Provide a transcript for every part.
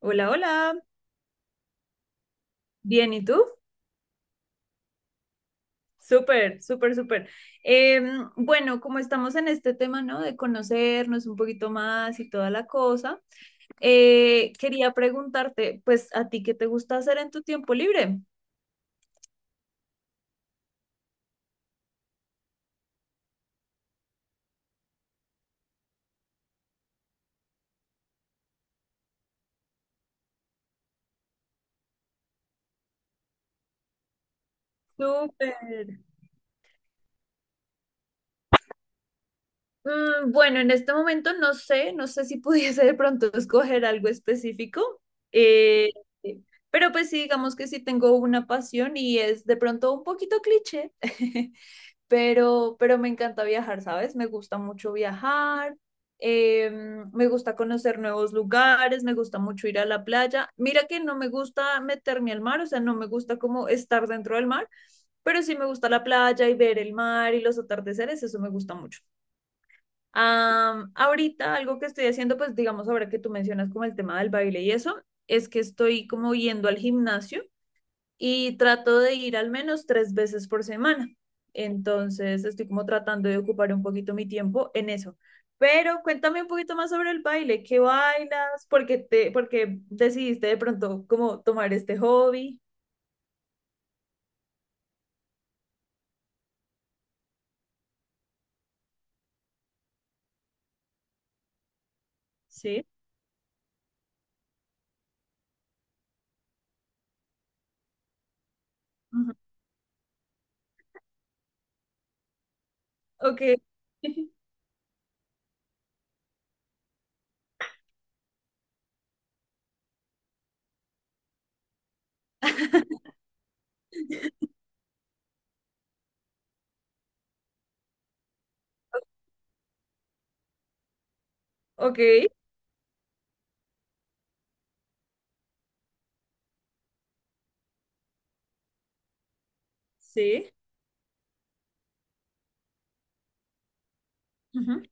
Hola, hola. Bien, ¿y tú? Súper, súper, súper. Bueno, como estamos en este tema, ¿no? De conocernos un poquito más y toda la cosa, quería preguntarte, pues, ¿a ti qué te gusta hacer en tu tiempo libre? Súper. Bueno, en este momento no sé, no sé si pudiese de pronto escoger algo específico, eh, pero pues sí, digamos que sí tengo una pasión y es de pronto un poquito cliché. Pero me encanta viajar, ¿sabes? Me gusta mucho viajar, me gusta conocer nuevos lugares, me gusta mucho ir a la playa. Mira que no me gusta meterme al mar, o sea, no me gusta como estar dentro del mar, pero sí me gusta la playa y ver el mar y los atardeceres, eso me gusta mucho. Ahorita algo que estoy haciendo, pues digamos ahora que tú mencionas como el tema del baile y eso, es que estoy como yendo al gimnasio y trato de ir al menos 3 veces por semana. Entonces estoy como tratando de ocupar un poquito mi tiempo en eso. Pero cuéntame un poquito más sobre el baile, ¿qué bailas? ¿Por qué por qué decidiste de pronto como tomar este hobby? Sí. Ujú. Ok. Ok, sí. Ujú.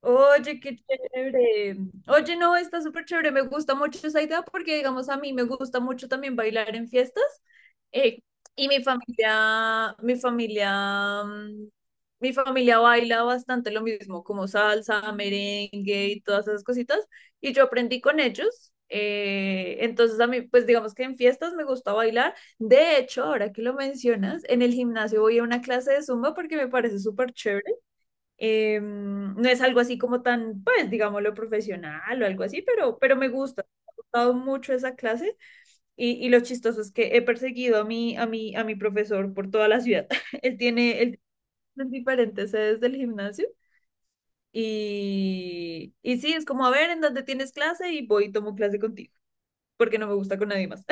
Oye, qué chévere. Oye, no, está súper chévere. Me gusta mucho esa idea porque, digamos, a mí me gusta mucho también bailar en fiestas. Eh, y mi familia, mi familia baila bastante lo mismo, como salsa, merengue y todas esas cositas. Y yo aprendí con ellos. Entonces a mí, pues digamos que en fiestas me gusta bailar. De hecho, ahora que lo mencionas, en el gimnasio voy a una clase de zumba porque me parece súper chévere, no es algo así como tan, pues, digámoslo, profesional o algo así, pero me gusta, me ha gustado mucho esa clase. Y lo chistoso es que he perseguido a mi profesor por toda la ciudad. Él tiene diferentes sedes del gimnasio. Y sí, es como, a ver, ¿en dónde tienes clase? Y voy y tomo clase contigo, porque no me gusta con nadie más.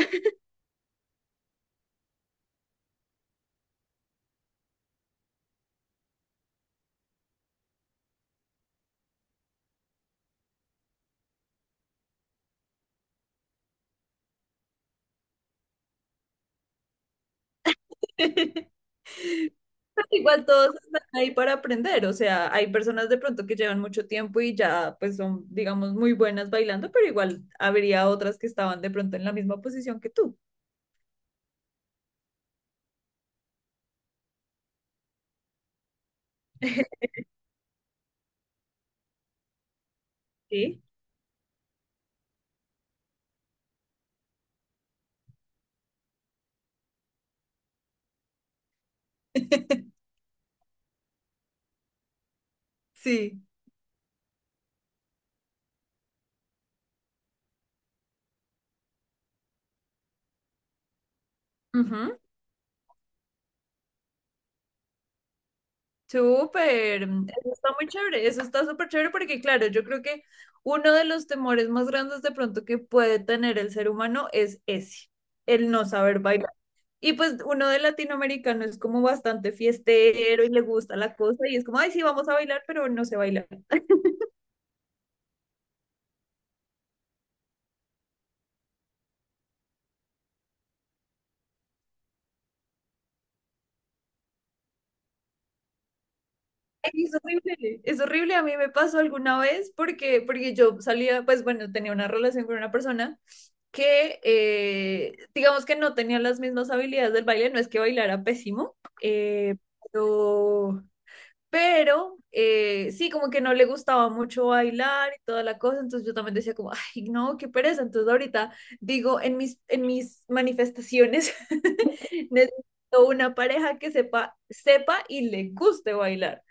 Pero igual todos están ahí para aprender, o sea, hay personas de pronto que llevan mucho tiempo y ya pues son, digamos, muy buenas bailando, pero igual habría otras que estaban de pronto en la misma posición que tú. Sí. Sí. Ujú. Súper. Eso está muy chévere. Eso está súper chévere porque, claro, yo creo que uno de los temores más grandes de pronto que puede tener el ser humano es ese, el no saber bailar. Y pues uno de latinoamericano es como bastante fiestero y le gusta la cosa y es como, ay, sí, vamos a bailar, pero no sé bailar. Ay, es horrible, es horrible. A mí me pasó alguna vez porque yo salía, pues bueno, tenía una relación con una persona que, digamos que no tenía las mismas habilidades del baile, no es que bailara pésimo, pero Pero sí, como que no le gustaba mucho bailar y toda la cosa, entonces yo también decía como, ay, no, qué pereza. Entonces ahorita digo en mis manifestaciones, necesito una pareja que sepa, sepa y le guste bailar,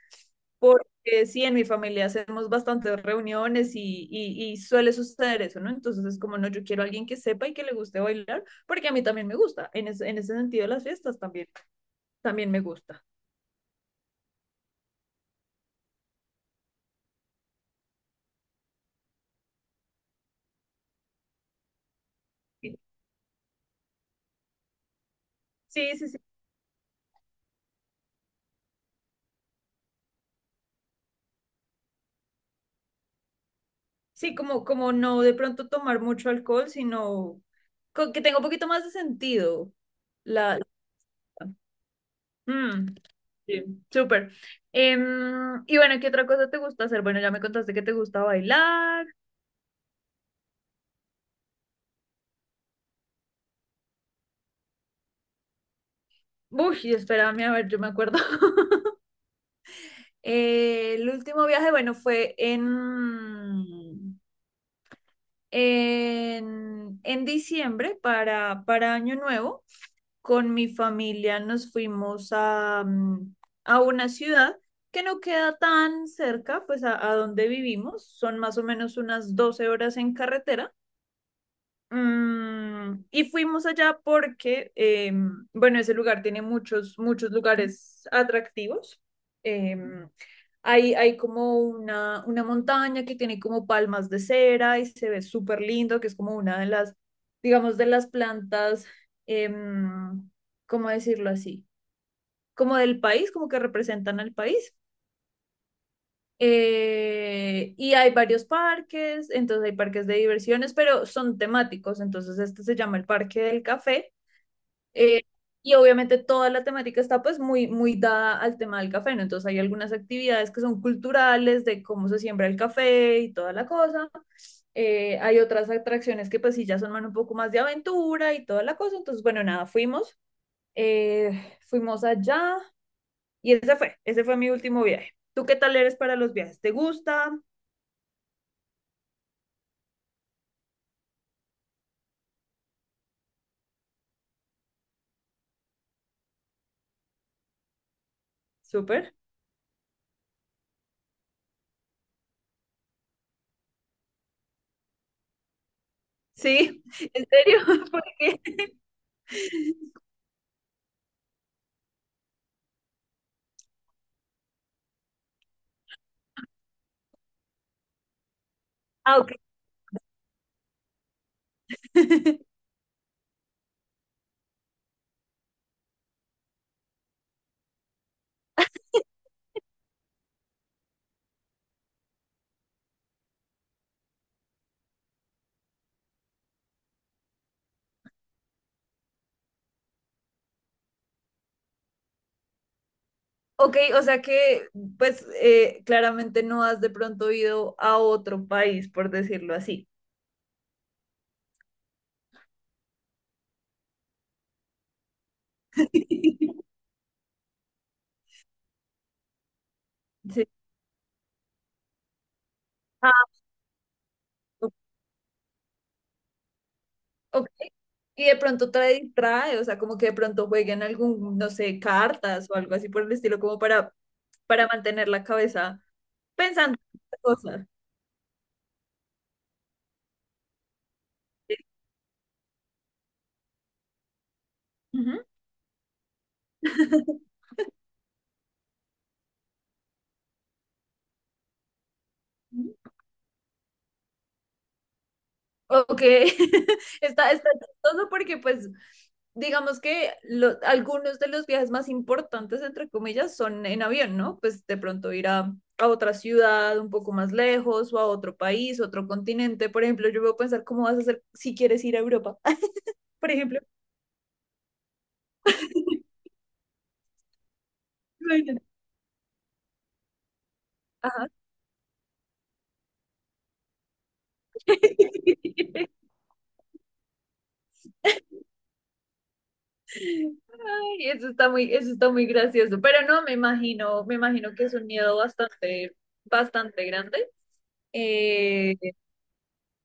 porque sí, en mi familia hacemos bastantes reuniones y suele suceder eso, ¿no? Entonces es como, no, yo quiero a alguien que sepa y que le guste bailar, porque a mí también me gusta, en ese sentido las fiestas también, también me gusta. Sí, sí, sí. Sí, como, como no de pronto tomar mucho alcohol, sino que tenga un poquito más de sentido. La, Mm, sí, súper. Y bueno, ¿qué otra cosa te gusta hacer? Bueno, ya me contaste que te gusta bailar. Uy, espérame, a ver, yo me acuerdo. El último viaje, bueno, fue en diciembre para Año Nuevo. Con mi familia nos fuimos a, a una ciudad que no queda tan cerca, pues a donde vivimos, son más o menos unas 12 horas en carretera. Y fuimos allá porque, bueno, ese lugar tiene muchos, muchos lugares atractivos. Em, Hay como una montaña que tiene como palmas de cera y se ve súper lindo, que es como una de las, digamos, de las plantas, em, ¿cómo decirlo así? Como del país, como que representan al país. Y hay varios parques, entonces hay parques de diversiones, pero son temáticos, entonces este se llama el Parque del Café, eh, y obviamente toda la temática está pues muy, muy dada al tema del café, ¿no? Entonces hay algunas actividades que son culturales de cómo se siembra el café y toda la cosa. Hay otras atracciones que pues sí ya son más- un poco más de aventura y toda la cosa. Entonces, bueno, nada, fuimos, fuimos allá y ese fue mi último viaje. ¿Tú qué tal eres para los viajes? ¿Te gusta? Súper. Sí, ¿en serio? ¿Por qué? Ah, ok. Ok, o sea que pues claramente no has de pronto ido a otro país, por decirlo así. Sí. Ah, o- ok. Y de pronto trae, o sea, como que de pronto jueguen algún, no sé, cartas o algo así por el estilo, como para mantener la cabeza pensando en otras cosas. Sí. Ujú. Ok, está chistoso porque pues digamos que algunos de los viajes más importantes, entre comillas, son en avión, ¿no? Pues de pronto ir a otra ciudad un poco más lejos o a otro país, otro continente. Por ejemplo, yo puedo pensar cómo vas a hacer si quieres ir a Europa, por ejemplo. Ajá. Ay, eso está muy gracioso. Pero no, me imagino que es un miedo bastante, bastante grande. Eh,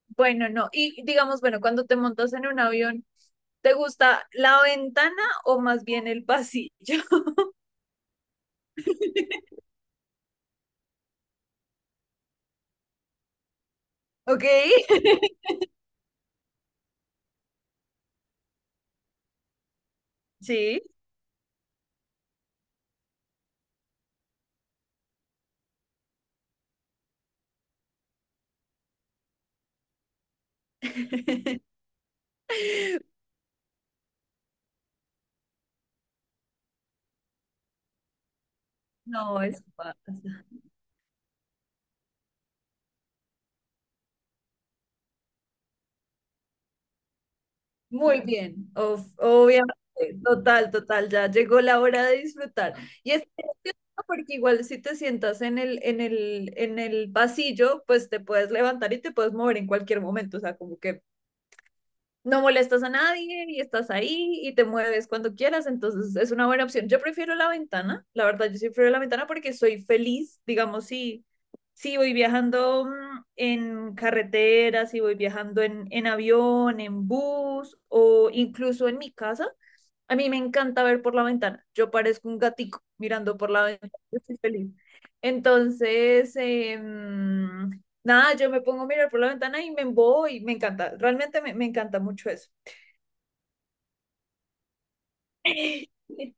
Bueno, no. Y digamos, bueno, cuando te montas en un avión, ¿te gusta la ventana o más bien el pasillo? ¿Ok? Sí. No, eso pasa. Muy bien. Obviamente. Total, total. Ya llegó la hora de disfrutar. Y es gracioso porque igual si te sientas en el pasillo, pues te puedes levantar y te puedes mover en cualquier momento. O sea, como que no molestas a nadie y estás ahí y te mueves cuando quieras, entonces es una buena opción. Yo prefiero la ventana, la verdad, yo sí prefiero la ventana porque soy feliz, digamos, si voy viajando en carretera, si voy viajando en avión, en bus o incluso en mi casa, a mí me encanta ver por la ventana. Yo parezco un gatico mirando por la ventana. Yo estoy feliz. Entonces, nada, yo me pongo a mirar por la ventana y me embobo y me encanta. Realmente me encanta mucho eso.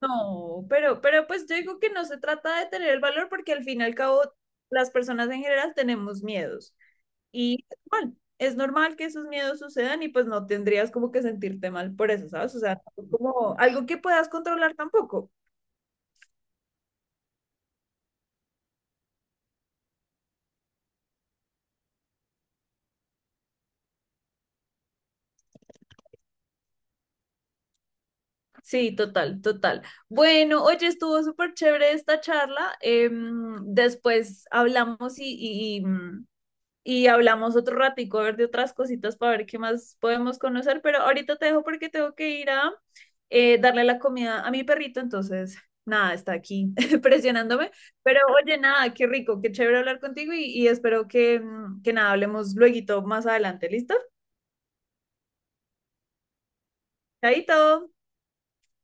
No, pero pues yo digo que no se trata de tener el valor porque al fin y al cabo las personas en general tenemos miedos y es normal que esos miedos sucedan y pues no tendrías como que sentirte mal por eso, ¿sabes? O sea, no como algo que puedas controlar tampoco. Sí, total, total. Bueno, oye, estuvo súper chévere esta charla. Después hablamos y, y hablamos otro ratico, a ver de otras cositas para ver qué más podemos conocer, pero ahorita te dejo porque tengo que ir a, darle la comida a mi perrito, entonces, nada, está aquí presionándome. Pero oye, nada, qué rico, qué chévere hablar contigo y espero que, que nada, hablemos luego más adelante, ¿listo? Chaito.